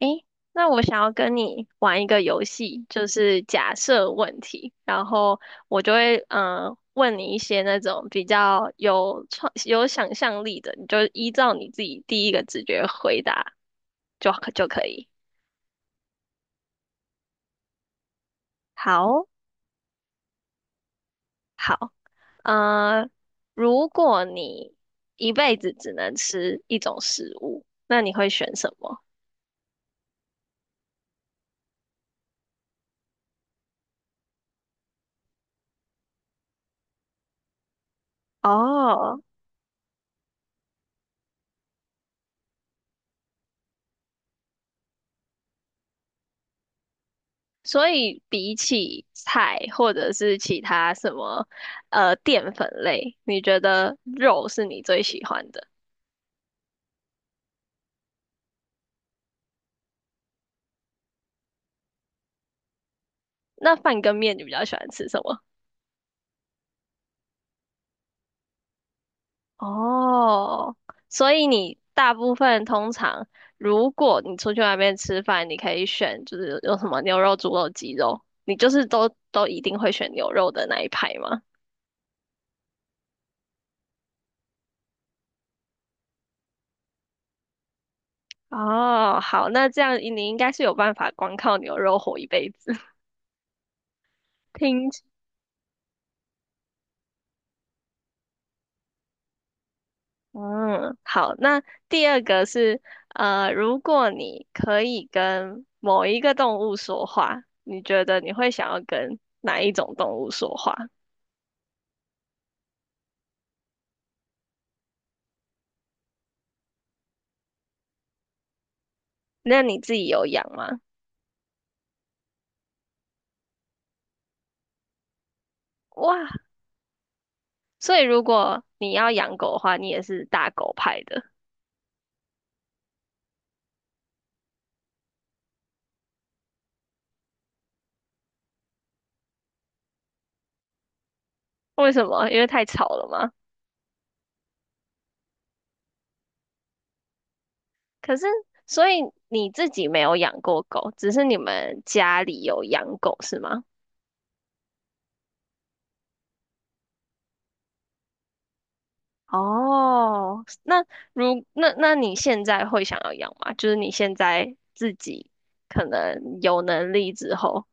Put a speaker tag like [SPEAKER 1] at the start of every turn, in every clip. [SPEAKER 1] 诶，那我想要跟你玩一个游戏，就是假设问题，然后我就会问你一些那种比较有创有想象力的，你就依照你自己第一个直觉回答就可以。好，好，呃，如果你一辈子只能吃一种食物，那你会选什么？哦，所以比起菜或者是其他什么淀粉类，你觉得肉是你最喜欢的？那饭跟面你比较喜欢吃什么？哦，所以你大部分通常，如果你出去外面吃饭，你可以选就是有什么牛肉、猪肉、鸡肉，你就是都一定会选牛肉的那一排吗？哦，好，那这样你应该是有办法光靠牛肉活一辈子。听嗯，好，那第二个是，如果你可以跟某一个动物说话，你觉得你会想要跟哪一种动物说话？那你自己有养吗？哇，所以如果你要养狗的话，你也是大狗派的，为什么？因为太吵了吗？可是，所以你自己没有养过狗，只是你们家里有养狗，是吗？哦，那那你现在会想要养吗？就是你现在自己可能有能力之后，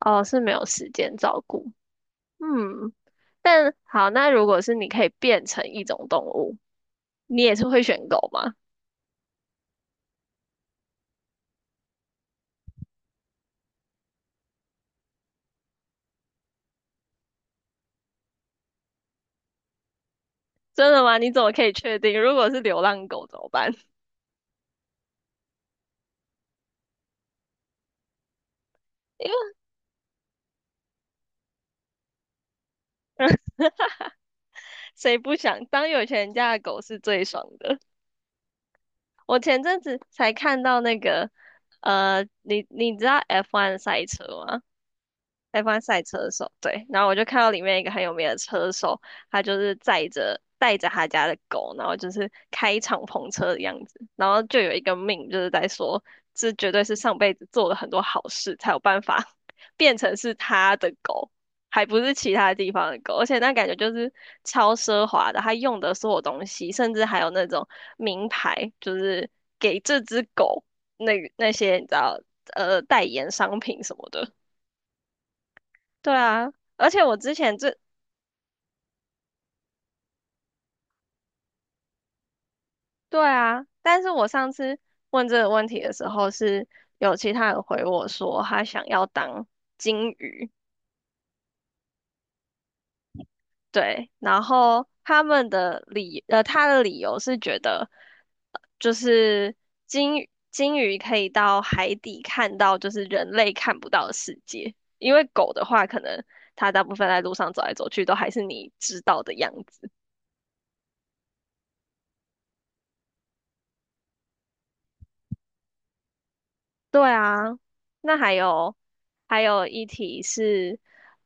[SPEAKER 1] 哦，是没有时间照顾。嗯，但好，那如果是你可以变成一种动物，你也是会选狗吗？真的吗？你怎么可以确定？如果是流浪狗怎么办？因为谁不想当有钱人家的狗是最爽的。我前阵子才看到那个，你知道 F1 赛车吗？F1 赛车手，对。然后我就看到里面一个很有名的车手，他就是载着带着他家的狗，然后就是开敞篷车的样子。然后就有一个命，就是在说，这绝对是上辈子做了很多好事才有办法 变成是他的狗，还不是其他地方的狗。而且那感觉就是超奢华的，他用的所有东西，甚至还有那种名牌，就是给这只狗那那些你知道代言商品什么的。对啊，而且我之前这，对啊，但是我上次问这个问题的时候，是有其他人回我说他想要当金鱼，对，然后他们的理，他的理由是觉得，就是金鱼可以到海底看到就是人类看不到的世界，因为狗的话，可能它大部分在路上走来走去都还是你知道的样子。对啊，那还有还有一题是，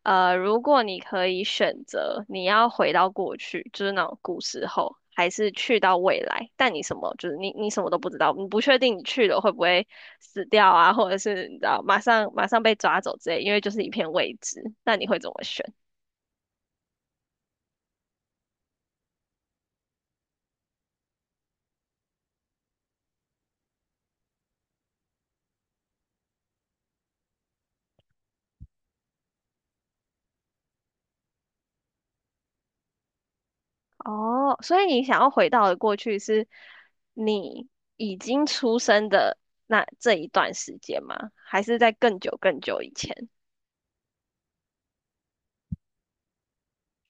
[SPEAKER 1] 如果你可以选择，你要回到过去，就是那种古时候，还是去到未来，但你什么就是你什么都不知道，你不确定你去了会不会死掉啊，或者是你知道马上被抓走之类，因为就是一片未知，那你会怎么选？哦，所以你想要回到的过去是你已经出生的那这一段时间吗？还是在更久更久以前？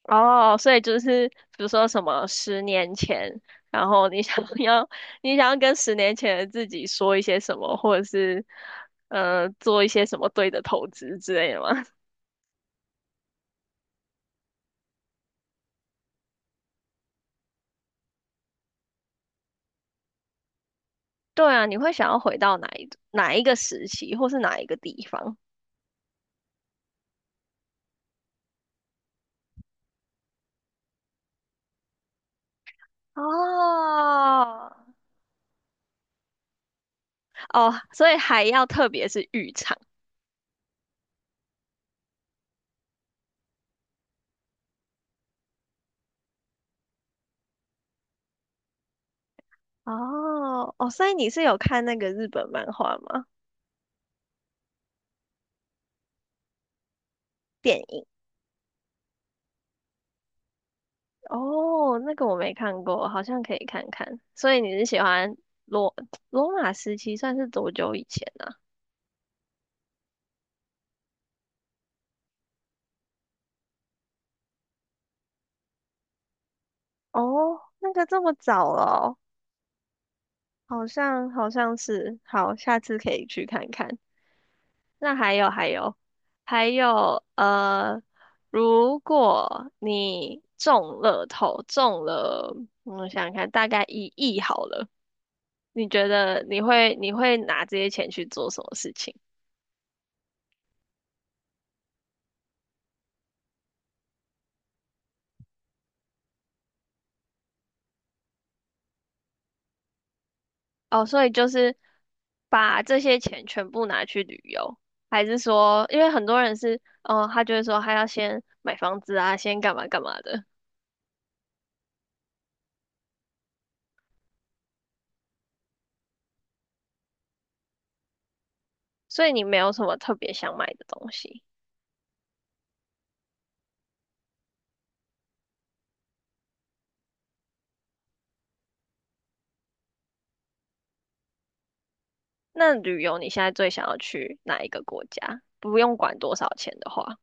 [SPEAKER 1] 哦，所以就是比如说什么十年前，然后你想 要你想要跟十年前的自己说一些什么，或者是做一些什么对的投资之类的吗？对啊，你会想要回到哪一个时期，或是哪一个地方？哦哦，所以还要特别是浴场哦哦，所以你是有看那个日本漫画吗？电影？哦，那个我没看过，好像可以看看。所以你是喜欢罗罗马时期，算是多久以前呢啊？哦，那个这么早了哦好像好像是。好，下次可以去看看。那还有如果你中了，我想想看，大概1亿好了，你觉得你会拿这些钱去做什么事情？哦，所以就是把这些钱全部拿去旅游，还是说，因为很多人是，哦，他就会说他要先买房子啊，先干嘛干嘛的，所以你没有什么特别想买的东西。那旅游你现在最想要去哪一个国家？不用管多少钱的话，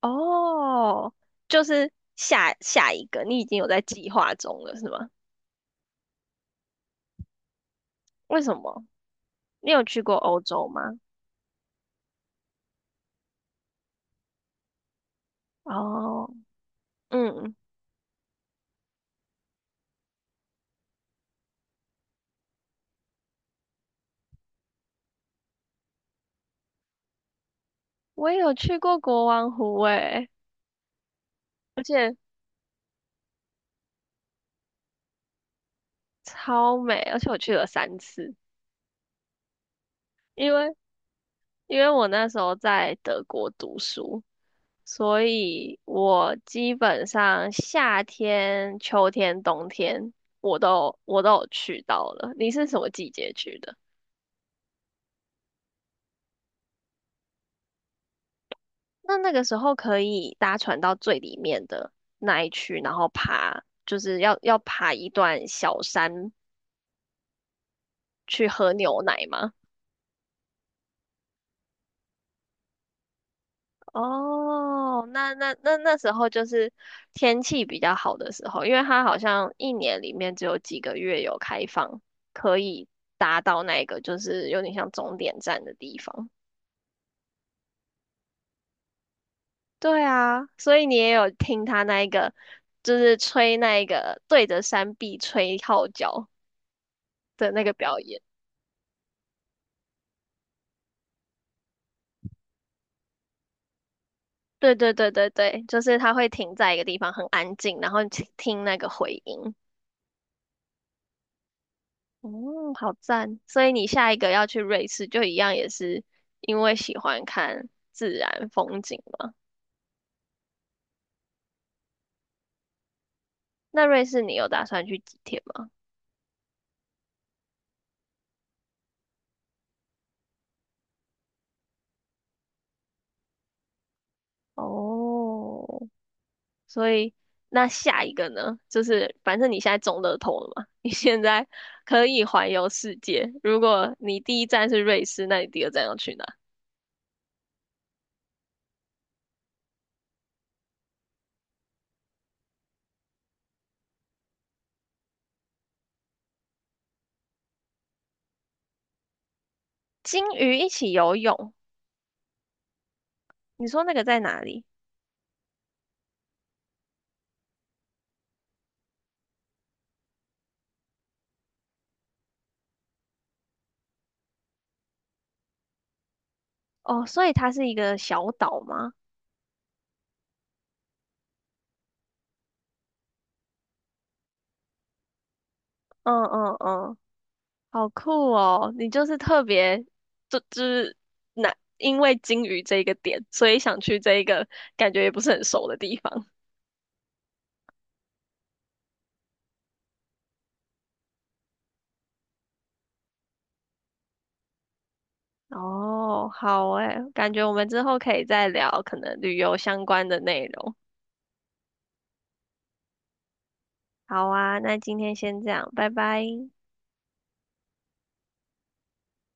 [SPEAKER 1] 哦，就是下下一个，你已经有在计划中了，是吗？为什么？你有去过欧洲吗？哦，嗯，我也有去过国王湖，诶。而且。超美，而且我去了3次，因为因为我那时候在德国读书，所以我基本上夏天、秋天、冬天我都有去到了。你是什么季节去的？那那个时候可以搭船到最里面的那一区，然后爬，就是要爬一段小山去喝牛奶吗？哦，那那时候就是天气比较好的时候，因为它好像一年里面只有几个月有开放，可以达到那个就是有点像终点站的地方。对啊，所以你也有听他那一个，就是吹那一个对着山壁吹号角的那个表演。对对对对对，就是他会停在一个地方很安静，然后听听那个回音。哦，好赞！所以你下一个要去瑞士，就一样也是因为喜欢看自然风景嘛？那瑞士你有打算去几天吗？哦，所以那下一个呢？就是反正你现在中乐透了嘛，你现在可以环游世界。如果你第一站是瑞士，那你第二站要去哪？鲸鱼一起游泳，你说那个在哪里？哦，所以它是一个小岛吗？嗯嗯嗯。好酷哦！你就是特别，就是那因为金鱼这一个点，所以想去这一个感觉也不是很熟的地方。哦，好诶，感觉我们之后可以再聊可能旅游相关的内容。好啊，那今天先这样，拜拜。